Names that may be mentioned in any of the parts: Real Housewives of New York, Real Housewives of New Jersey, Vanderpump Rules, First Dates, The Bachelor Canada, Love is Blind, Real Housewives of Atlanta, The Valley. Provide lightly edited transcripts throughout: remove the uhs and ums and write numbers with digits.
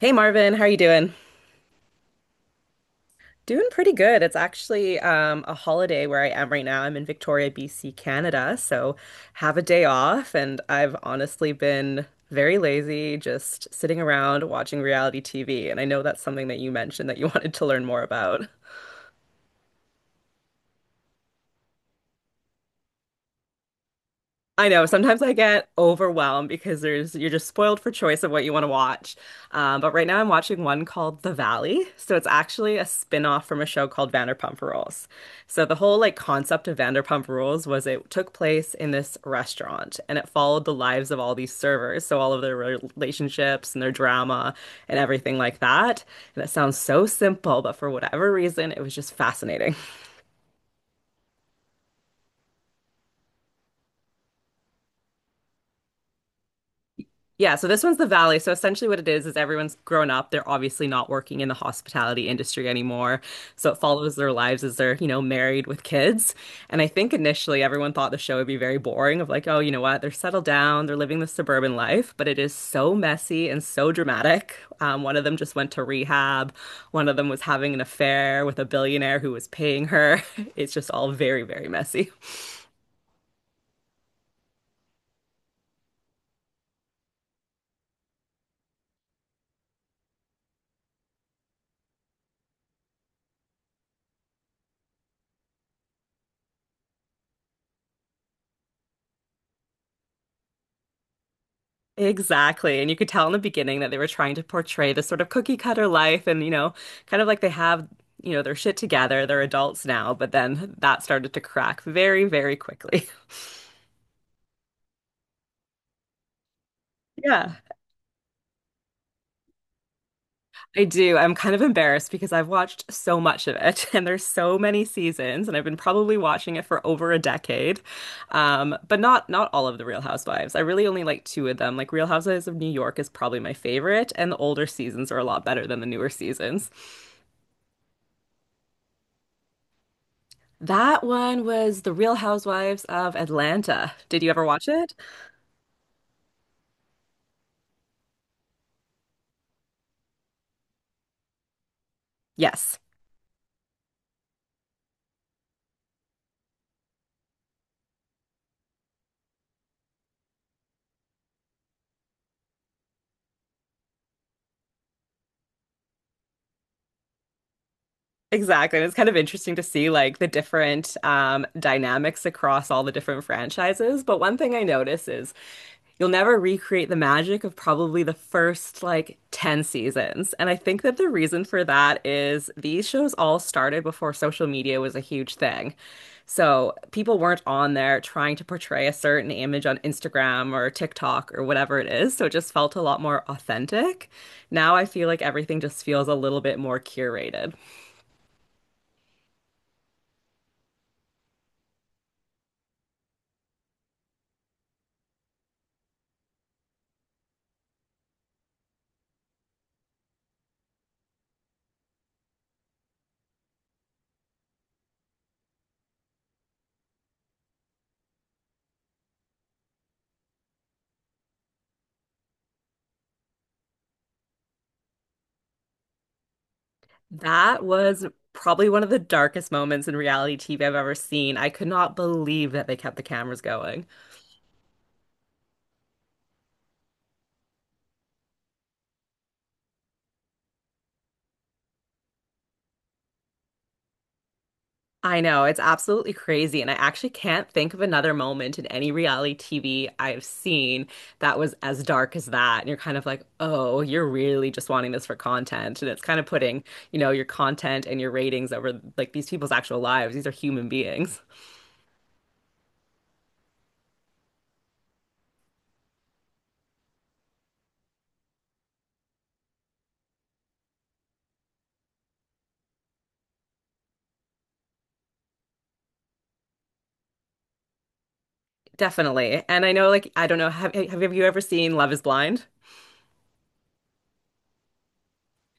Hey Marvin, how are you doing? Doing pretty good. It's actually a holiday where I am right now. I'm in Victoria, BC, Canada, so have a day off, and I've honestly been very lazy, just sitting around watching reality TV. And I know that's something that you mentioned that you wanted to learn more about. I know sometimes I get overwhelmed because there's you're just spoiled for choice of what you want to watch. But right now I'm watching one called The Valley. So it's actually a spin-off from a show called Vanderpump Rules. So the whole like concept of Vanderpump Rules was it took place in this restaurant and it followed the lives of all these servers, so all of their relationships and their drama and everything like that. And it sounds so simple, but for whatever reason, it was just fascinating. Yeah, so this one's the Valley. So essentially what it is everyone's grown up. They're obviously not working in the hospitality industry anymore. So it follows their lives as they're, you know, married with kids. And I think initially everyone thought the show would be very boring of like, oh, you know what? They're settled down, they're living the suburban life, but it is so messy and so dramatic. One of them just went to rehab. One of them was having an affair with a billionaire who was paying her. It's just all very, very messy. Exactly. And you could tell in the beginning that they were trying to portray this sort of cookie cutter life and, you know, kind of like they have, you know, their shit together. They're adults now, but then that started to crack very, very quickly. Yeah, I do. I'm kind of embarrassed because I've watched so much of it and there's so many seasons and I've been probably watching it for over a decade. But not all of the Real Housewives. I really only like two of them. Like Real Housewives of New York is probably my favorite and the older seasons are a lot better than the newer seasons. That one was The Real Housewives of Atlanta. Did you ever watch it? Yes. Exactly. And it's kind of interesting to see like the different dynamics across all the different franchises. But one thing I notice is you'll never recreate the magic of probably the first like 10 seasons. And I think that the reason for that is these shows all started before social media was a huge thing. So people weren't on there trying to portray a certain image on Instagram or TikTok or whatever it is. So it just felt a lot more authentic. Now I feel like everything just feels a little bit more curated. That was probably one of the darkest moments in reality TV I've ever seen. I could not believe that they kept the cameras going. I know, it's absolutely crazy. And I actually can't think of another moment in any reality TV I've seen that was as dark as that. And you're kind of like, oh, you're really just wanting this for content. And it's kind of putting, you know, your content and your ratings over like these people's actual lives. These are human beings. Definitely. And I know, like, I don't know, have you ever seen Love is Blind?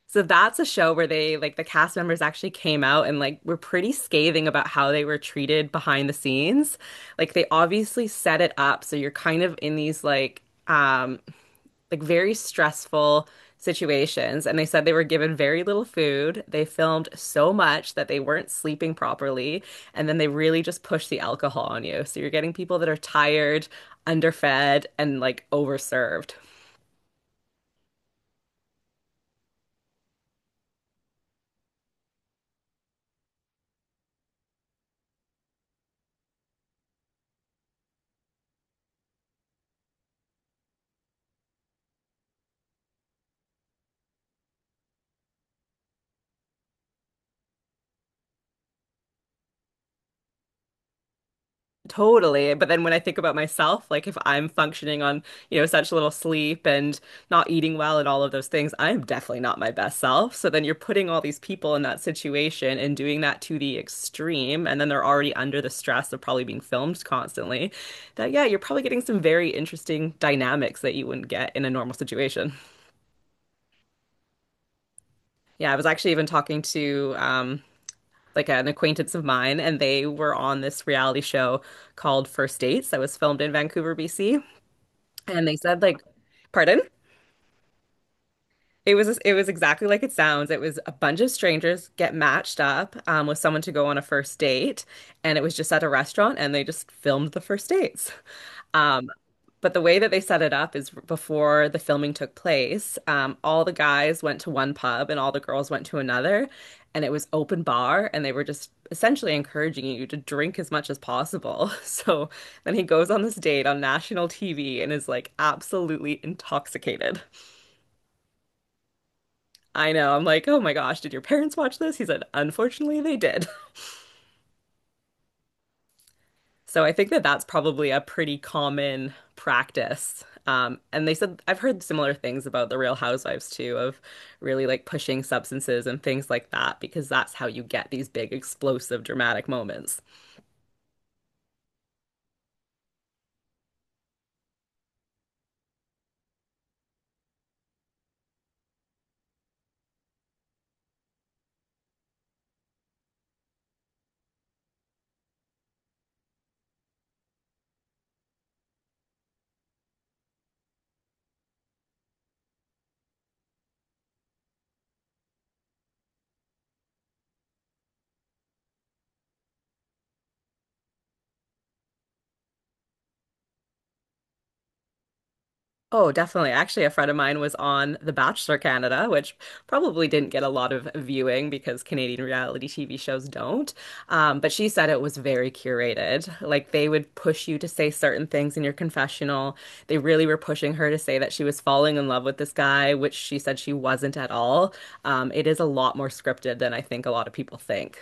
So that's a show where they like the cast members actually came out and like were pretty scathing about how they were treated behind the scenes. Like they obviously set it up so you're kind of in these um like very stressful situations and they said they were given very little food. They filmed so much that they weren't sleeping properly and then they really just push the alcohol on you. So you're getting people that are tired, underfed and like overserved. Totally. But then when I think about myself, like if I'm functioning on, you know, such little sleep and not eating well and all of those things, I'm definitely not my best self. So then you're putting all these people in that situation and doing that to the extreme. And then they're already under the stress of probably being filmed constantly. That, yeah, you're probably getting some very interesting dynamics that you wouldn't get in a normal situation. Yeah, I was actually even talking to, like an acquaintance of mine, and they were on this reality show called First Dates that was filmed in Vancouver, BC. And they said, like, pardon? It was exactly like it sounds. It was a bunch of strangers get matched up with someone to go on a first date, and it was just at a restaurant, and they just filmed the first dates. Um, but the way that they set it up is before the filming took place, all the guys went to one pub and all the girls went to another, and it was open bar, and they were just essentially encouraging you to drink as much as possible. So then he goes on this date on national TV and is like absolutely intoxicated. I know. I'm like, oh my gosh, did your parents watch this? He said, unfortunately, they did. So I think that that's probably a pretty common practice. And they said, I've heard similar things about the Real Housewives too, of really like pushing substances and things like that, because that's how you get these big, explosive, dramatic moments. Oh, definitely. Actually, a friend of mine was on The Bachelor Canada, which probably didn't get a lot of viewing because Canadian reality TV shows don't. But she said it was very curated. Like they would push you to say certain things in your confessional. They really were pushing her to say that she was falling in love with this guy, which she said she wasn't at all. It is a lot more scripted than I think a lot of people think.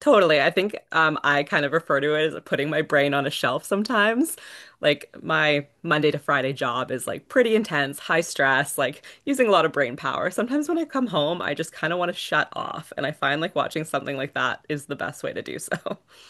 Totally. I think I kind of refer to it as putting my brain on a shelf sometimes. Like my Monday to Friday job is like pretty intense, high stress, like using a lot of brain power. Sometimes when I come home, I just kind of want to shut off. And I find like watching something like that is the best way to do so.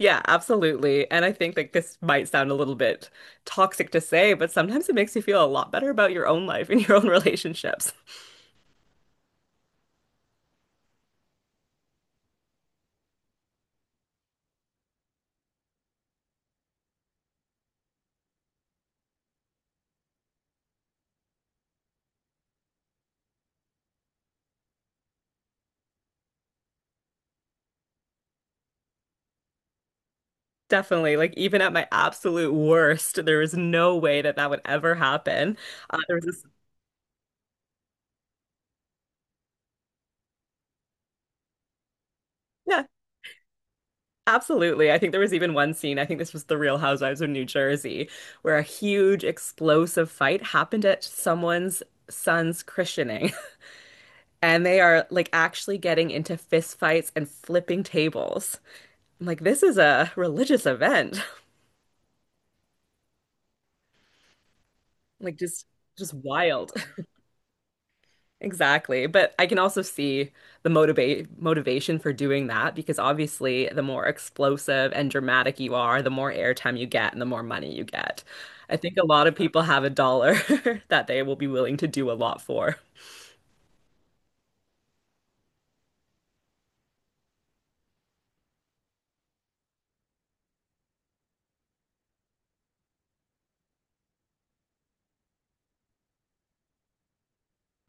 Yeah, absolutely. And I think like this might sound a little bit toxic to say, but sometimes it makes you feel a lot better about your own life and your own relationships. Definitely. Like even at my absolute worst, there was no way that that would ever happen. Uh, there was this, yeah, absolutely. I think there was even one scene. I think this was The Real Housewives of New Jersey, where a huge explosive fight happened at someone's son's christening, and they are like actually getting into fist fights and flipping tables. I'm like, this is a religious event. Like just wild. Exactly. But I can also see the motivate motivation for doing that because obviously the more explosive and dramatic you are, the more airtime you get and the more money you get. I think a lot of people have a dollar that they will be willing to do a lot for.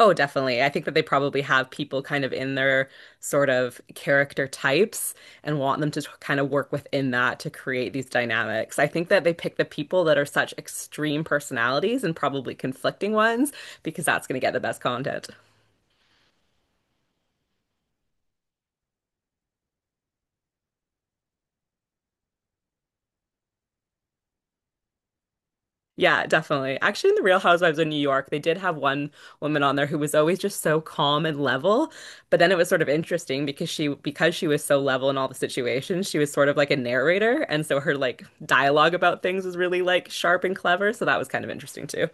Oh, definitely. I think that they probably have people kind of in their sort of character types and want them to kind of work within that to create these dynamics. I think that they pick the people that are such extreme personalities and probably conflicting ones because that's going to get the best content. Yeah, definitely. Actually, in The Real Housewives of New York, they did have one woman on there who was always just so calm and level. But then it was sort of interesting because she was so level in all the situations, she was sort of like a narrator, and so her like dialogue about things was really like sharp and clever, so that was kind of interesting too.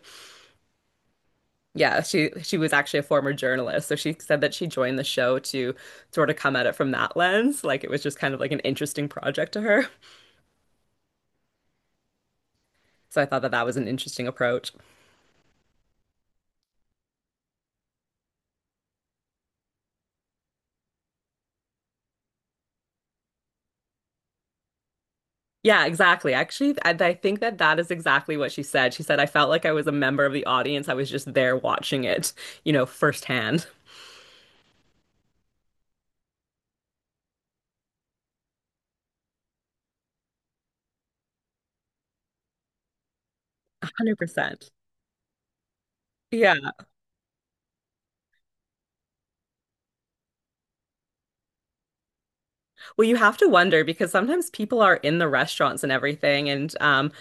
Yeah, she was actually a former journalist, so she said that she joined the show to sort of come at it from that lens, like it was just kind of like an interesting project to her. So I thought that that was an interesting approach. Yeah, exactly. Actually, I think that that is exactly what she said. She said, I felt like I was a member of the audience. I was just there watching it, you know, firsthand. 100%. Yeah. Well, you have to wonder because sometimes people are in the restaurants and everything. And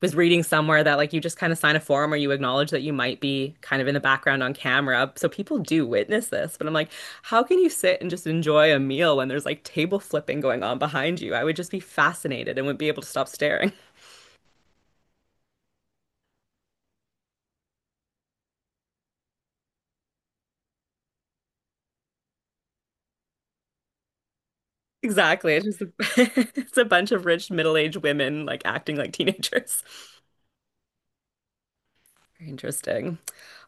was reading somewhere that like you just kind of sign a form or you acknowledge that you might be kind of in the background on camera. So people do witness this. But I'm like, how can you sit and just enjoy a meal when there's like table flipping going on behind you? I would just be fascinated and wouldn't be able to stop staring. Exactly. It's just a, it's a bunch of rich middle-aged women like acting like teenagers. Very interesting.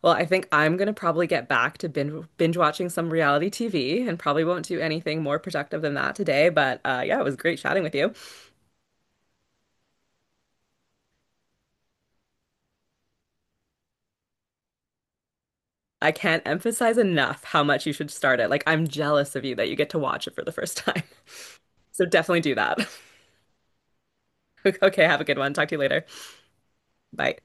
Well, I think I'm gonna probably get back to binge watching some reality TV and probably won't do anything more productive than that today. But yeah, it was great chatting with you. I can't emphasize enough how much you should start it. Like, I'm jealous of you that you get to watch it for the first time. So definitely do that. Okay, have a good one. Talk to you later. Bye.